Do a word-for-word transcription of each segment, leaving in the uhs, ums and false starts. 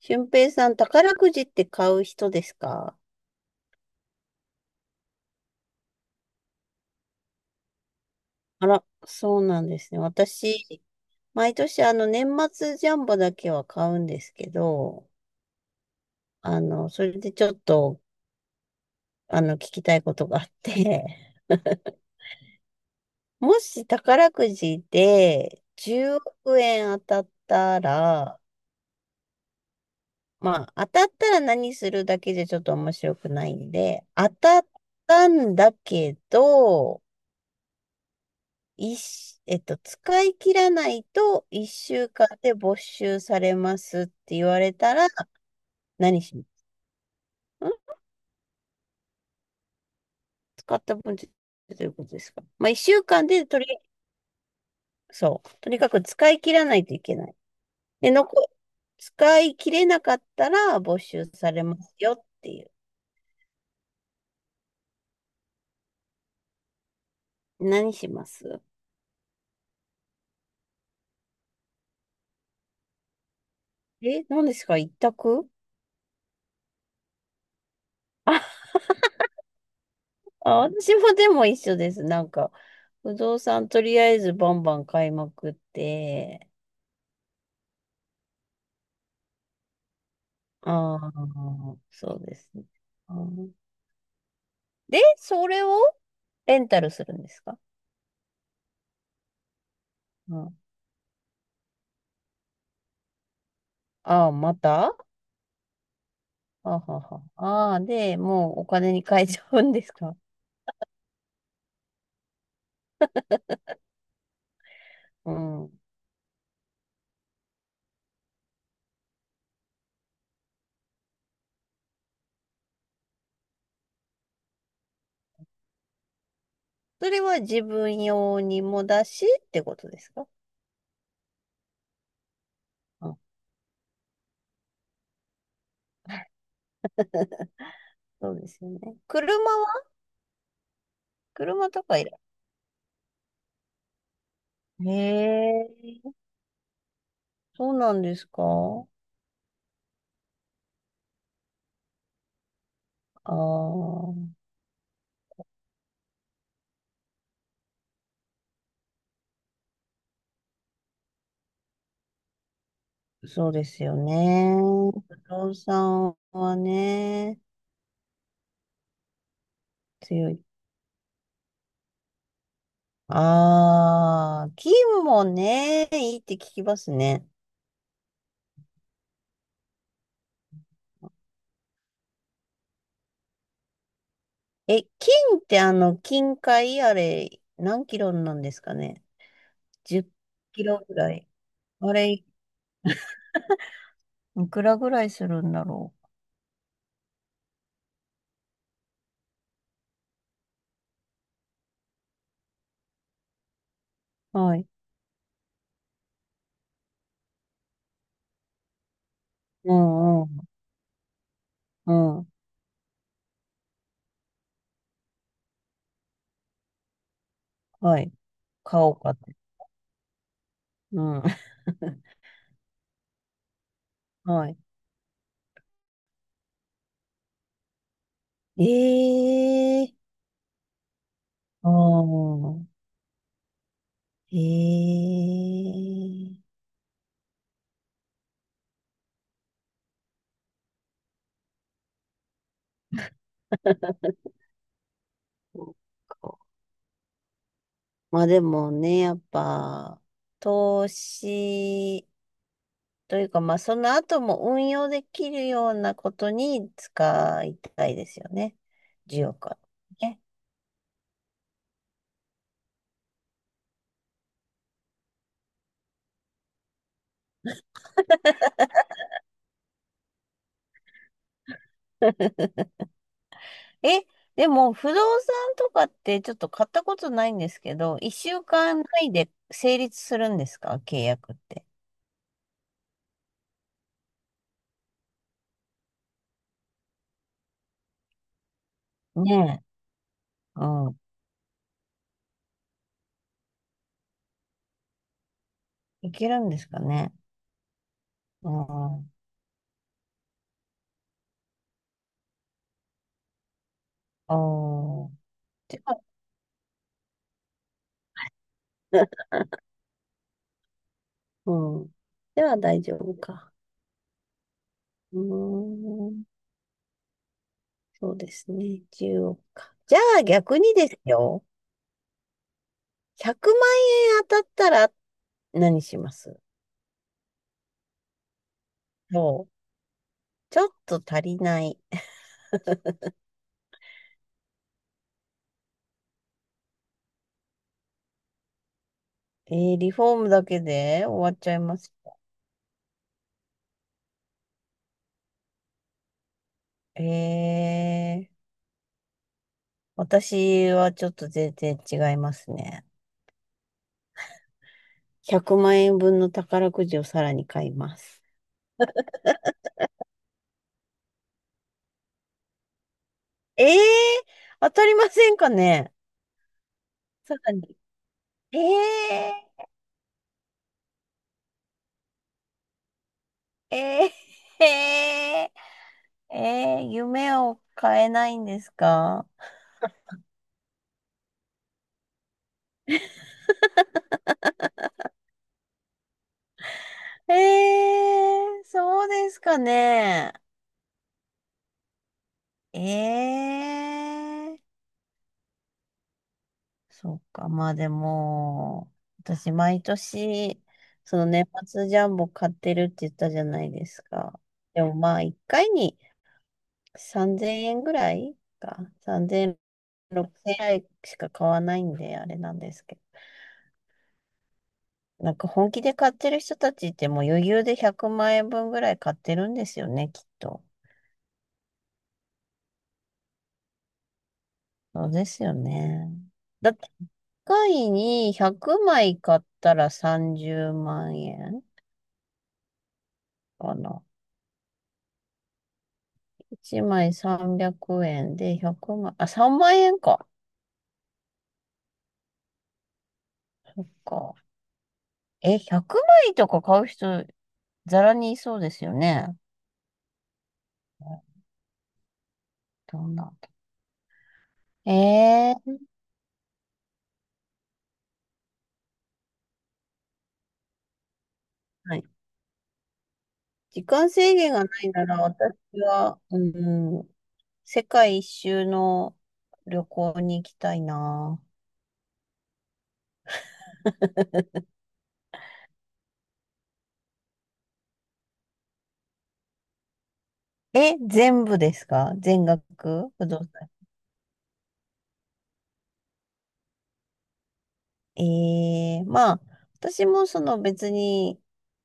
俊平さん、宝くじって買う人ですか？あら、そうなんですね。私、毎年あの年末ジャンボだけは買うんですけど、あの、それでちょっと、あの、聞きたいことがあって、もし宝くじでじゅうおく円当たったら、まあ、当たったら何するだけじゃちょっと面白くないんで、当たったんだけど、一し、えっと、使い切らないといっしゅうかんで没収されますって言われたら、何しますん。使った分ってどういうことですか？まあ、いっしゅうかんでとり、そう。とにかく使い切らないといけない。で、残、使い切れなかったら没収されますよっていう。何します？え、何ですか？一択？あ、あ、私もでも一緒です。なんか、不動産とりあえずバンバン買いまくって、ああ、そうですね。うん。で、それをレンタルするんですか？うん。ああ、また。あはは。ああ、で、もうお金に変えちゃうんですか？うん。それは自分用にもだしってことですか？あ、そうですよね。車は？車とかいら。へえ、そうなんですか？ああ、そうですよね。不動産はね、強い。ああ、金もね、いいって聞きますね。え、金ってあの、金塊あれ、何キロなんですかね？ じゅっ キロぐらい。あれ、いくらぐらいするんだろう。はい。うんうん。うん。はい。買おうかって。うん。はい。ええー。ああ。ええー。そっか。まあでもね、やっぱ、投資、というか、まあ、その後も運用できるようなことに使いたいですよね。じゅうおくはね。え、でも、不動産とかってちょっと買ったことないんですけど、いっしゅうかん単で成立するんですか、契約って？ねえ。うん。いけるんですかね。うん。おー。では、うん。では大丈夫か。うーん。そうですね。じゅうおくか。じゃあ逆にですよ。ひゃくまん円当たったら何します？そう。ちょっと足りない。えー、リフォームだけで終わっちゃいます？えー、私はちょっと全然違いますね。ひゃくまん円分の宝くじをさらに買います。えー、当たりませんかね、さらに？えー、えー、えー、えー、夢を変えないんですか？えー、そうですかね。ええー、そっか。まあでも、私毎年、その年末ジャンボ買ってるって言ったじゃないですか。でもまあ一回にさんぜんえんぐらいか。さんぜん、ろく れい ぜろえんぐらいしか買わないんで、あれなんですけど。なんか本気で買ってる人たちってもう余裕でひゃくまん円分ぐらい買ってるんですよね、きっと。そうですよね。だっていっかいにひゃくまい買ったらさんじゅうまん円。かな。いちまいさんびゃくえんでひゃくまい、あ、さんまん円か。か。え、ひゃくまいとか買う人、ざらにいそうですよね。どんな。ええ、はい。時間制限がないなら、私は、うん、世界一周の旅行に行きたいな。え、全部ですか？全額不動産？ええ、まあ、私もその別に、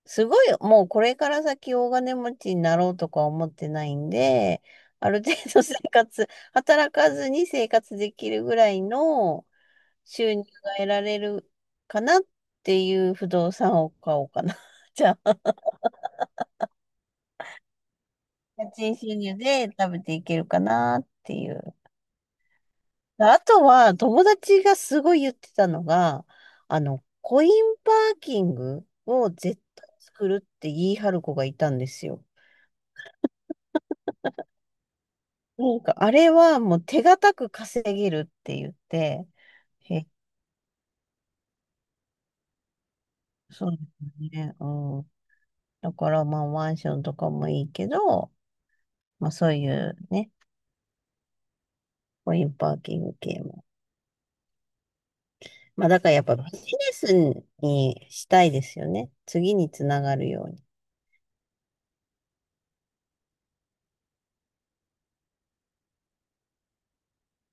すごい、もうこれから先大金持ちになろうとか思ってないんで、ある程度生活、働かずに生活できるぐらいの収入が得られるかなっていう不動産を買おうかな。じゃあ、家賃収入で食べていけるかなっていう。あとは、友達がすごい言ってたのが、あの、コインパーキングを絶対作るって言い張る子がいたんですよ。なんか、あれはもう手堅く稼げるって言って、へ、そうですね。うん。だから、まあ、マンションとかもいいけど、まあ、そういうね、コインパーキング系も。まあ、だからやっぱビジネスにしたいですよね。次につながるように。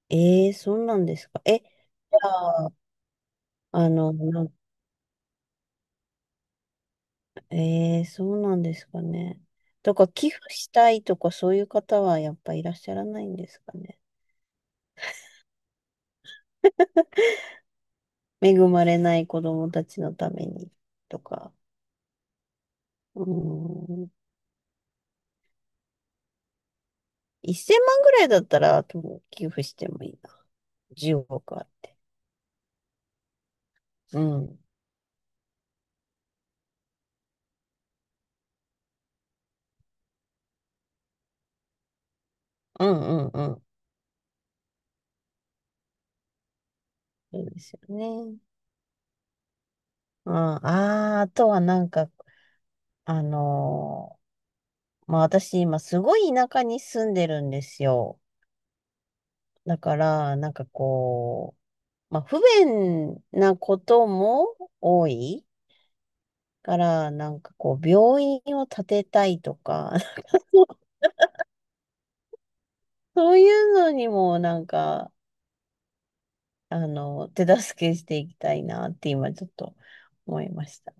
ええー、そうなんですか。え、じゃああの、なえー、そうなんですかね？とか、寄付したいとか、そういう方はやっぱいらっしゃらないんですかね。恵まれない子供たちのためにとか。うーん。せんまんぐらいだったら、とも寄付してもいいな。じゅうおくあって。うん。うんうんうん。そうですよね。うん、ああ、あとはなんか、あのーまあ私今すごい田舎に住んでるんですよ。だから、なんかこまあ、不便なことも多いから、なんかこう、病院を建てたいとか、そういうのにもなんか、あの、手助けしていきたいなって今ちょっと思いました。